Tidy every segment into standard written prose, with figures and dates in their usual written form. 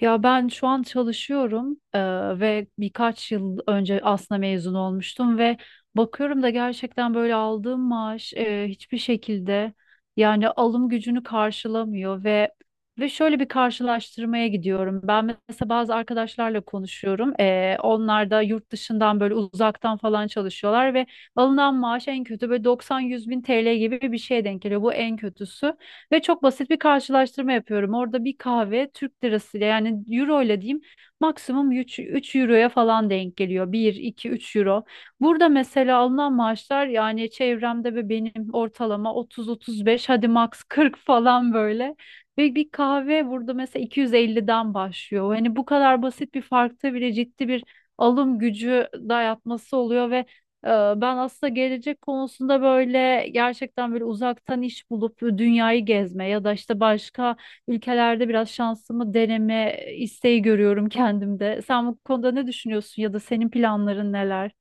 Ya ben şu an çalışıyorum ve birkaç yıl önce aslında mezun olmuştum ve bakıyorum da gerçekten böyle aldığım maaş hiçbir şekilde yani alım gücünü karşılamıyor. Ve şöyle bir karşılaştırmaya gidiyorum. Ben mesela bazı arkadaşlarla konuşuyorum. Onlar da yurt dışından böyle uzaktan falan çalışıyorlar ve alınan maaş en kötü böyle 90-100 bin TL gibi bir şeye denk geliyor. Bu en kötüsü. Ve çok basit bir karşılaştırma yapıyorum. Orada bir kahve Türk lirasıyla, yani euro ile diyeyim, maksimum 3 euroya falan denk geliyor. Bir 2 3 euro. Burada mesela alınan maaşlar, yani çevremde ve benim, ortalama 30-35, hadi max 40 falan böyle. Ve bir kahve burada mesela 250'den başlıyor. Hani bu kadar basit bir farkta bile ciddi bir alım gücü dayatması oluyor ve ee, ben aslında gelecek konusunda böyle gerçekten böyle uzaktan iş bulup dünyayı gezme ya da işte başka ülkelerde biraz şansımı deneme isteği görüyorum kendimde. Sen bu konuda ne düşünüyorsun, ya da senin planların neler?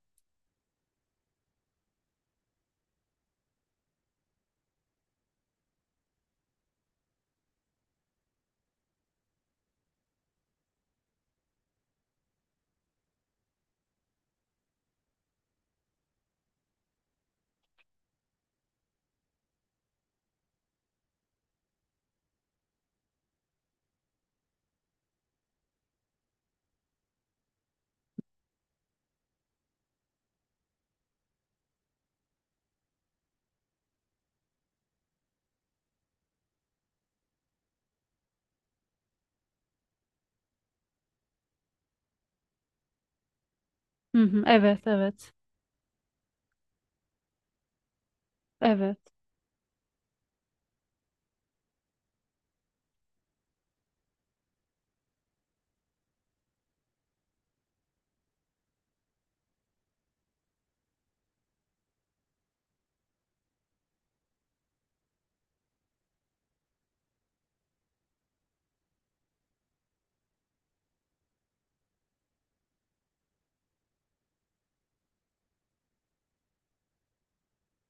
Hı hı, evet, evet, evet.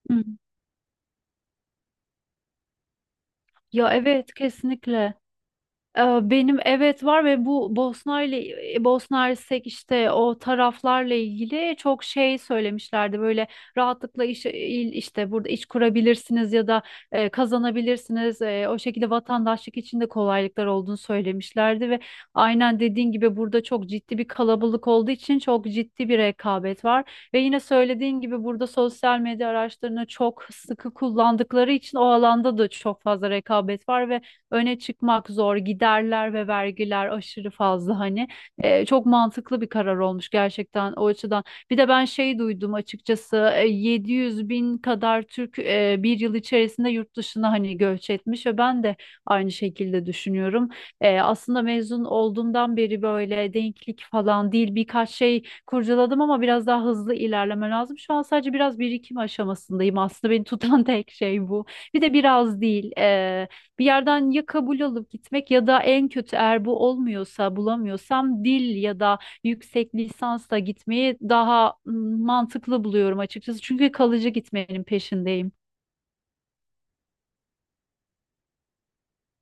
Hı hı. Ya, evet, kesinlikle. Benim evet var, ve bu Bosna Hersek işte o taraflarla ilgili çok şey söylemişlerdi. Böyle rahatlıkla işte burada iş kurabilirsiniz ya da kazanabilirsiniz. O şekilde vatandaşlık için de kolaylıklar olduğunu söylemişlerdi ve aynen dediğin gibi burada çok ciddi bir kalabalık olduğu için çok ciddi bir rekabet var. Ve yine söylediğin gibi burada sosyal medya araçlarını çok sıkı kullandıkları için o alanda da çok fazla rekabet var ve öne çıkmak zor, giderler ve vergiler aşırı fazla hani. Çok mantıklı bir karar olmuş gerçekten o açıdan. Bir de ben şey duydum açıkçası, 700 bin kadar Türk bir yıl içerisinde yurt dışına hani göç etmiş ve ben de aynı şekilde düşünüyorum. Aslında mezun olduğumdan beri böyle denklik falan değil birkaç şey kurcaladım ama biraz daha hızlı ilerleme lazım. Şu an sadece biraz birikim aşamasındayım, aslında beni tutan tek şey bu. Bir de biraz değil. Bir yerden ya kabul alıp gitmek, ya da en kötü eğer bu olmuyorsa, bulamıyorsam, dil ya da yüksek lisansla gitmeyi daha mantıklı buluyorum açıkçası. Çünkü kalıcı gitmenin peşindeyim.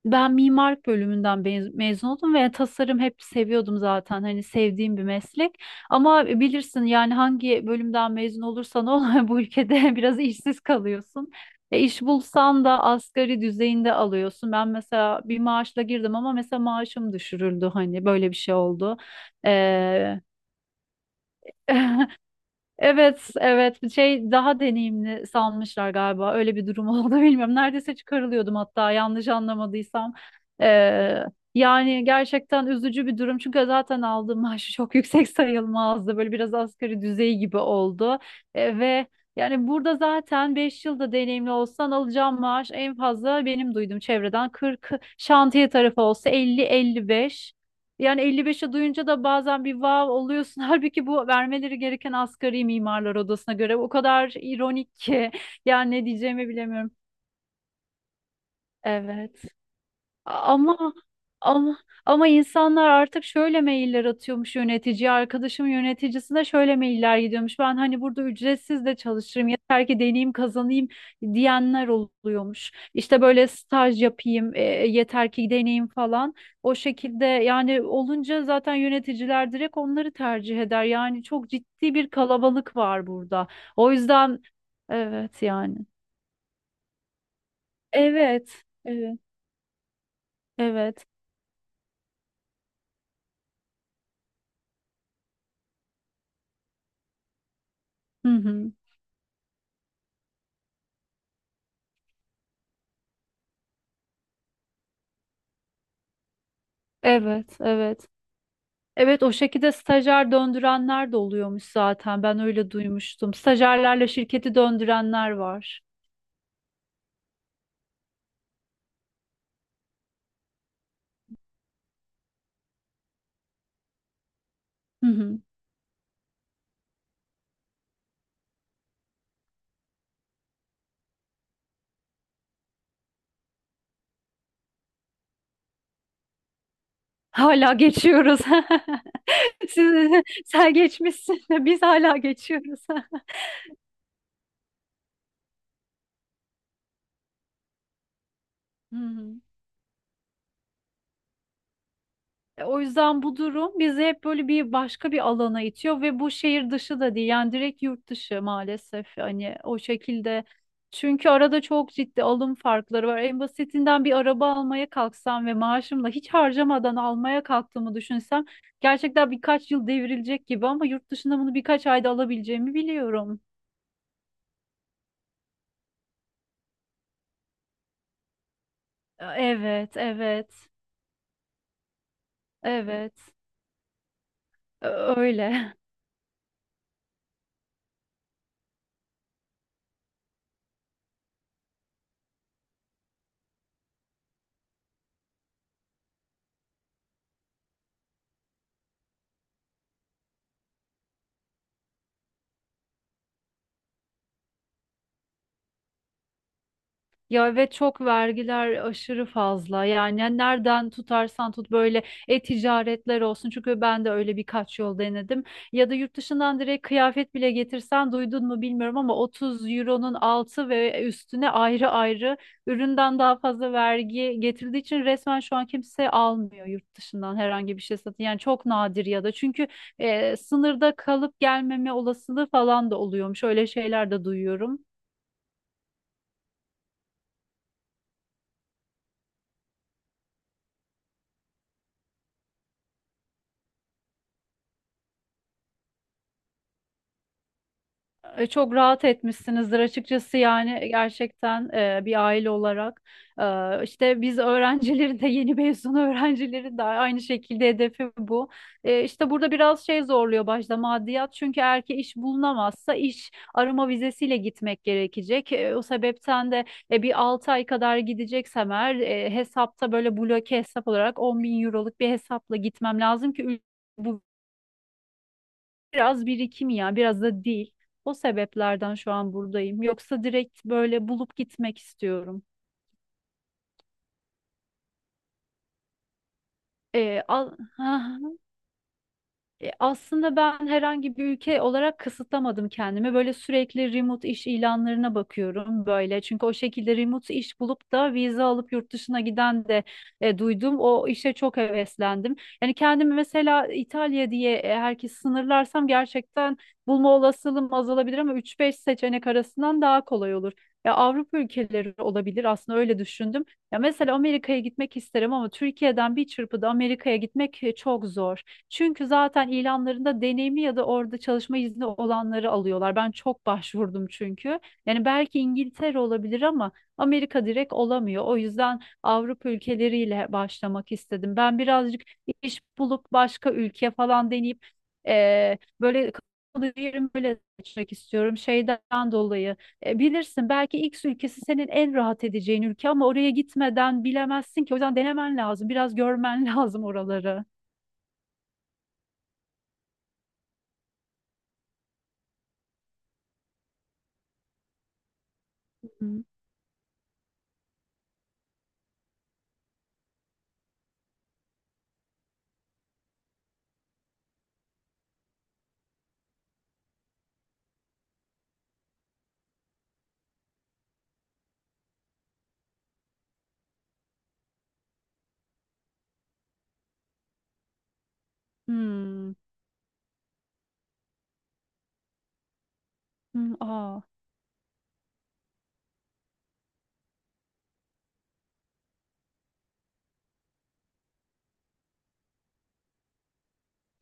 Ben mimarlık bölümünden mezun oldum ve tasarım hep seviyordum zaten. Hani sevdiğim bir meslek. Ama bilirsin, yani hangi bölümden mezun olursan ol bu ülkede biraz işsiz kalıyorsun. İş bulsan da asgari düzeyinde alıyorsun. Ben mesela bir maaşla girdim ama mesela maaşım düşürüldü, hani böyle bir şey oldu. Ee, Evet, evet. Bir şey daha deneyimli sanmışlar galiba. Öyle bir durum oldu, bilmiyorum. Neredeyse çıkarılıyordum hatta, yanlış anlamadıysam. Ee, Yani gerçekten üzücü bir durum. Çünkü zaten aldığım maaşı çok yüksek sayılmazdı. Böyle biraz asgari düzey gibi oldu. Ve Yani burada zaten 5 yılda deneyimli olsan alacağım maaş en fazla benim duyduğum çevreden 40, şantiye tarafı olsa 50-55. Yani 55'e duyunca da bazen bir vav oluyorsun. Halbuki bu vermeleri gereken asgari, mimarlar odasına göre, o kadar ironik ki. Yani ne diyeceğimi bilemiyorum. Evet. Ama ama ama insanlar artık şöyle mailler atıyormuş yöneticiye. Arkadaşım, yöneticisine şöyle mailler gidiyormuş. Ben hani burada ücretsiz de çalışırım, yeter ki deneyim kazanayım diyenler oluyormuş. İşte böyle staj yapayım yeter ki deneyim falan. O şekilde yani olunca zaten yöneticiler direkt onları tercih eder. Yani çok ciddi bir kalabalık var burada. O yüzden evet yani. Evet. Evet. Evet. Hı hı. Evet, evet. Evet, o şekilde stajyer döndürenler de oluyormuş zaten. Ben öyle duymuştum. Stajyerlerle şirketi döndürenler var. Hı hı. Hala geçiyoruz. Siz, sen geçmişsin de biz hala geçiyoruz. Hı hı. O yüzden bu durum bizi hep böyle bir başka bir alana itiyor ve bu şehir dışı da değil, yani direkt yurt dışı maalesef hani o şekilde. Çünkü arada çok ciddi alım farkları var. En basitinden bir araba almaya kalksam ve maaşımla hiç harcamadan almaya kalktığımı düşünsem gerçekten birkaç yıl devrilecek gibi, ama yurt dışında bunu birkaç ayda alabileceğimi biliyorum. Evet, evet, evet. Ö- Öyle. Ya ve çok vergiler aşırı fazla. Yani nereden tutarsan tut böyle e-ticaretler olsun. Çünkü ben de öyle birkaç yol denedim. Ya da yurt dışından direkt kıyafet bile getirsen, duydun mu bilmiyorum ama, 30 euronun altı ve üstüne ayrı ayrı üründen daha fazla vergi getirdiği için resmen şu an kimse almıyor yurt dışından herhangi bir şey satın. Yani çok nadir, ya da çünkü sınırda kalıp gelmeme olasılığı falan da oluyormuş. Öyle şeyler de duyuyorum. Çok rahat etmişsinizdir açıkçası, yani gerçekten bir aile olarak. İşte biz öğrencileri de, yeni mezun öğrencileri de, aynı şekilde hedefi bu. İşte burada biraz şey zorluyor başta maddiyat, çünkü eğer ki iş bulunamazsa iş arama vizesiyle gitmek gerekecek. O sebepten de bir 6 ay kadar gideceksem eğer hesapta böyle bloke hesap olarak 10 bin euroluk bir hesapla gitmem lazım ki ül- bu biraz birikim ya, biraz da değil. O sebeplerden şu an buradayım. Yoksa direkt böyle bulup gitmek istiyorum. Ee, al, Aslında ben herhangi bir ülke olarak kısıtlamadım kendimi. Böyle sürekli remote iş ilanlarına bakıyorum böyle. Çünkü o şekilde remote iş bulup da vize alıp yurt dışına giden de duydum. O işe çok heveslendim. Yani kendimi mesela İtalya diye herkes sınırlarsam gerçekten bulma olasılığım azalabilir ama üç beş seçenek arasından daha kolay olur. Ya Avrupa ülkeleri olabilir aslında, öyle düşündüm. Ya mesela Amerika'ya gitmek isterim ama Türkiye'den bir çırpıda Amerika'ya gitmek çok zor. Çünkü zaten ilanlarında deneyimi ya da orada çalışma izni olanları alıyorlar. Ben çok başvurdum çünkü. Yani belki İngiltere olabilir ama Amerika direkt olamıyor. O yüzden Avrupa ülkeleriyle başlamak istedim. Ben birazcık iş bulup başka ülke falan deneyip böyle kalıcı yerimi böyle seçmek istiyorum şeyden dolayı. Bilirsin, belki X ülkesi senin en rahat edeceğin ülke ama oraya gitmeden bilemezsin ki. O yüzden denemen lazım. Biraz görmen lazım oraları. Hı. Hmm. Hmm. Aa.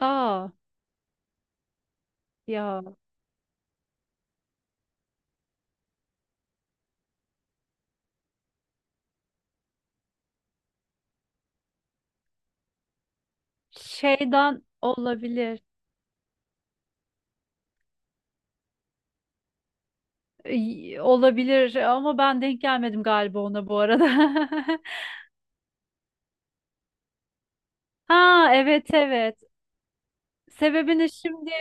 Aa. Ya şeyden olabilir. Ay, olabilir ama ben denk gelmedim galiba ona bu arada. Ha, evet, evet. Sebebini şimdi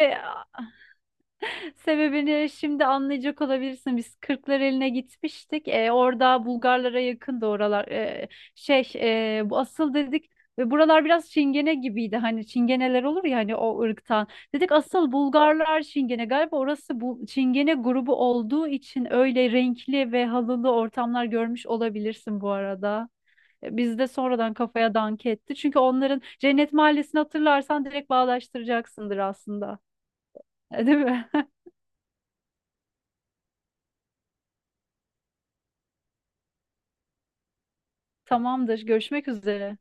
Sebebini şimdi anlayacak olabilirsin. Biz Kırklareli'ne gitmiştik. Orada Bulgarlara yakın da oralar. Şey Bu asıl dedik ve buralar biraz Çingene gibiydi. Hani Çingeneler olur ya, hani o ırktan. Dedik asıl Bulgarlar Çingene. Galiba orası bu Çingene grubu olduğu için öyle renkli ve halılı ortamlar görmüş olabilirsin bu arada. Biz de sonradan kafaya dank etti. Çünkü onların Cennet Mahallesi'ni hatırlarsan direkt bağdaştıracaksındır aslında. Değil mi? Tamamdır. Görüşmek üzere.